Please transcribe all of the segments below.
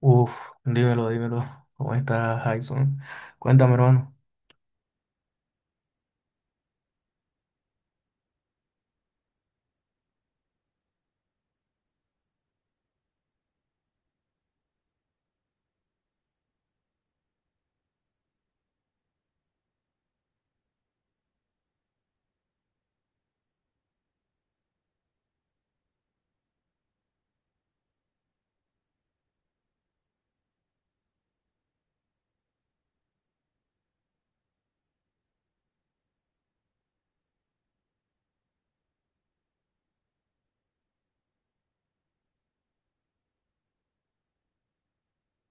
Uf, dímelo, dímelo. ¿Cómo está Jason? Cuéntame, hermano.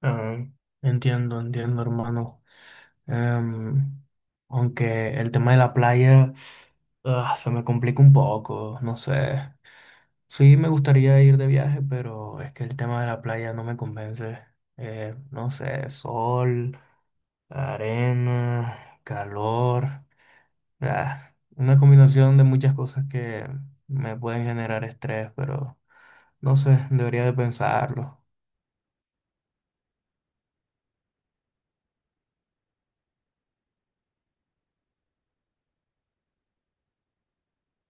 Ah, entiendo, entiendo, hermano. Em, Aunque el tema de la playa, se me complica un poco, no sé. Sí, me gustaría ir de viaje, pero es que el tema de la playa no me convence. No sé, sol, arena, calor, ah, una combinación de muchas cosas que me pueden generar estrés, pero... No sé, debería de pensarlo.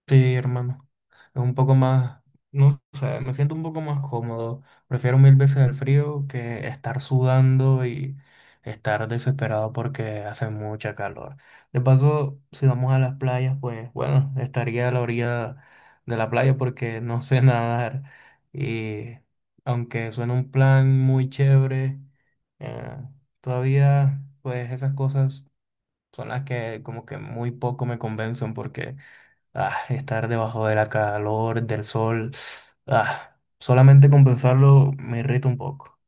Sí, hermano. Es un poco más, no sé, me siento un poco más cómodo. Prefiero mil veces el frío que estar sudando y estar desesperado porque hace mucha calor. De paso, si vamos a las playas, pues bueno, estaría a la orilla de la playa porque no sé nadar. Y aunque suena un plan muy chévere, eh, todavía pues esas cosas son las que como que muy poco me convencen porque estar debajo de la calor, del sol, solamente compensarlo me irrita un poco.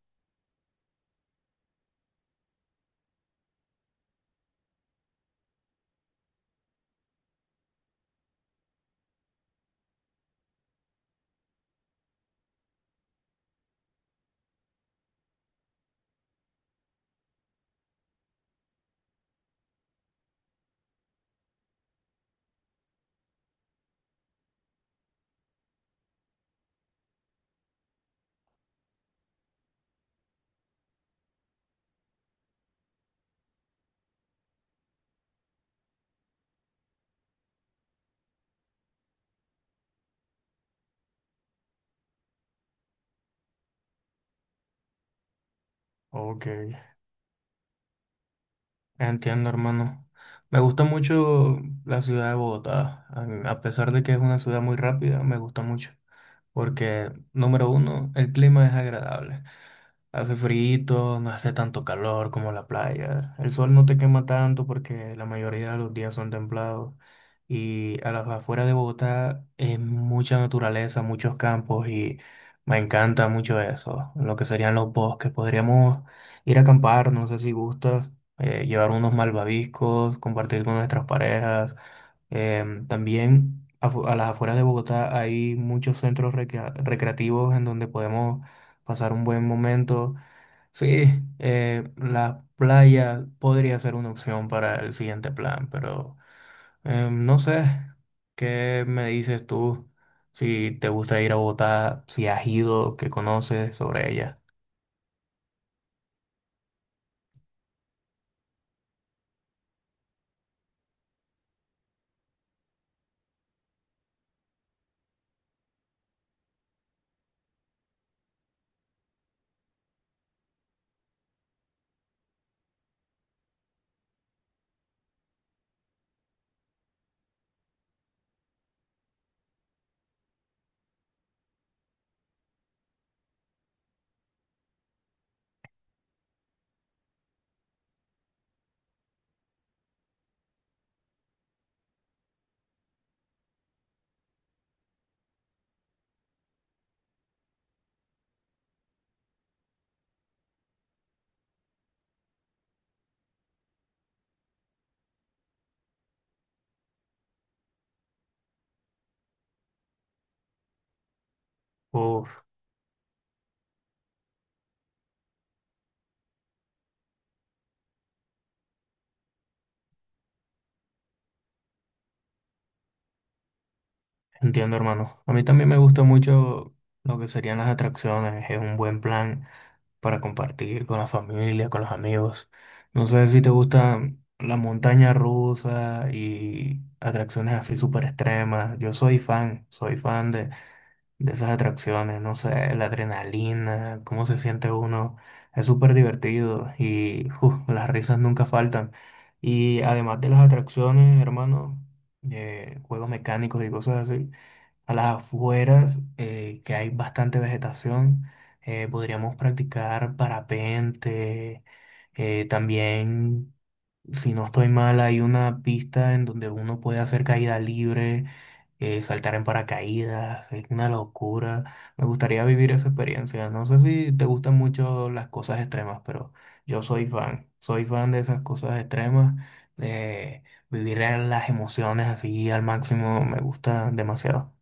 Ok, entiendo, hermano. Me gusta mucho la ciudad de Bogotá, a pesar de que es una ciudad muy rápida, me gusta mucho porque, número uno, el clima es agradable. Hace frío, no hace tanto calor como la playa. El sol no te quema tanto porque la mayoría de los días son templados. Y a las afueras de Bogotá es mucha naturaleza, muchos campos y me encanta mucho eso. Lo que serían los bosques. Podríamos ir a acampar, no sé si gustas, llevar unos malvaviscos, compartir con nuestras parejas. También a las afueras de Bogotá hay muchos centros recreativos en donde podemos pasar un buen momento. Sí, la playa podría ser una opción para el siguiente plan, pero no sé qué me dices tú, si te gusta ir a Bogotá, si has ido, qué conoces sobre ella. Uf, entiendo, hermano. A mí también me gusta mucho lo que serían las atracciones, es un buen plan para compartir con la familia, con los amigos. No sé si te gusta la montaña rusa y atracciones así súper extremas. Yo soy fan de esas atracciones. No sé, la adrenalina, cómo se siente uno. Es súper divertido y uf, las risas nunca faltan. Y además de las atracciones, hermano, juegos mecánicos y cosas así. A las afueras, que hay bastante vegetación, podríamos practicar parapente. También, si no estoy mal, hay una pista en donde uno puede hacer caída libre, saltar en paracaídas. Es una locura. Me gustaría vivir esa experiencia. No sé si te gustan mucho las cosas extremas, pero yo soy fan. Soy fan de esas cosas extremas, de vivir las emociones así al máximo. Me gusta demasiado.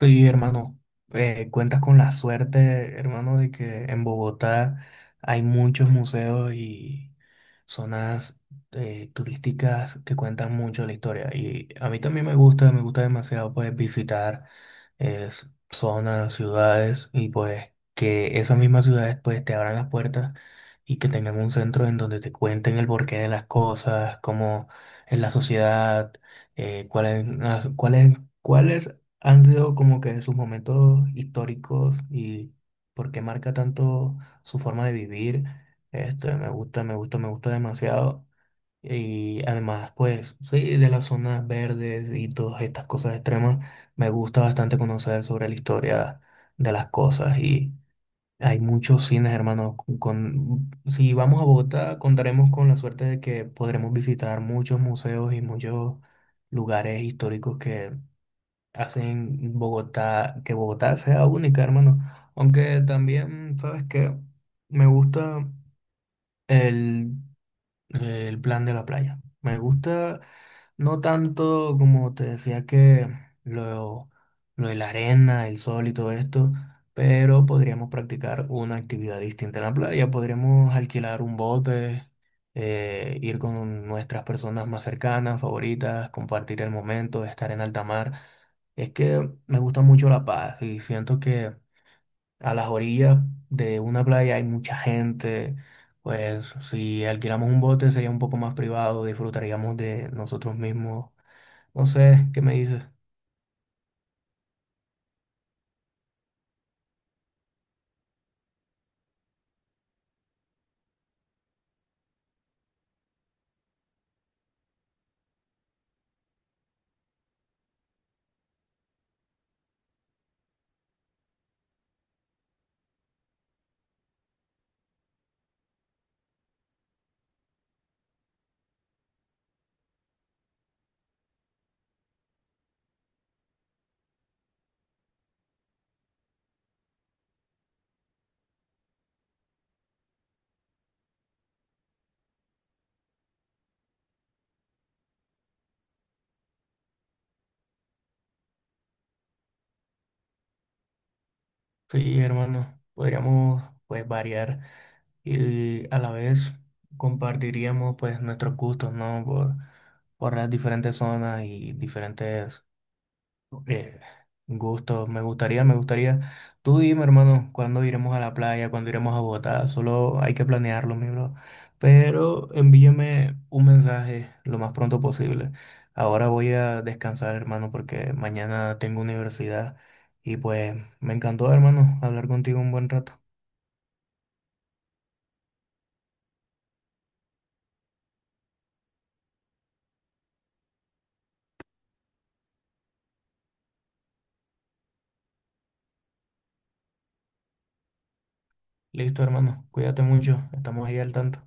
Sí, hermano, cuentas con la suerte, hermano, de que en Bogotá hay muchos museos y zonas turísticas que cuentan mucho la historia. Y a mí también me gusta demasiado pues visitar zonas, ciudades y pues que esas mismas ciudades pues te abran las puertas y que tengan un centro en donde te cuenten el porqué de las cosas, cómo es la sociedad, cuáles, cuáles han sido como que sus momentos históricos y porque marca tanto su forma de vivir. Esto me gusta, me gusta, me gusta demasiado. Y además, pues, sí, de las zonas verdes y todas estas cosas extremas, me gusta bastante conocer sobre la historia de las cosas. Y hay muchos cines, hermanos. Si vamos a Bogotá, contaremos con la suerte de que podremos visitar muchos museos y muchos lugares históricos que hacen Bogotá, que Bogotá sea única, hermano. Aunque también, ¿sabes qué? Me gusta el el plan de la playa. Me gusta no tanto como te decía que lo, lo de la arena, el sol y todo esto, pero podríamos practicar una actividad distinta en la playa. Podríamos alquilar un bote, ir con nuestras personas más cercanas, favoritas, compartir el momento, estar en alta mar. Es que me gusta mucho La Paz y siento que a las orillas de una playa hay mucha gente, pues si alquilamos un bote sería un poco más privado, disfrutaríamos de nosotros mismos. No sé, ¿qué me dices? Sí, hermano, podríamos pues variar y a la vez compartiríamos pues nuestros gustos, ¿no? Por las diferentes zonas y diferentes. Eh, Gusto, me gustaría, me gustaría. Tú dime, hermano, cuándo iremos a la playa, cuándo iremos a Bogotá. Solo hay que planearlo, mi bro. Pero envíame un mensaje lo más pronto posible. Ahora voy a descansar, hermano, porque mañana tengo universidad. Y pues me encantó, hermano, hablar contigo un buen rato. Listo, hermano. Cuídate mucho. Estamos ahí al tanto.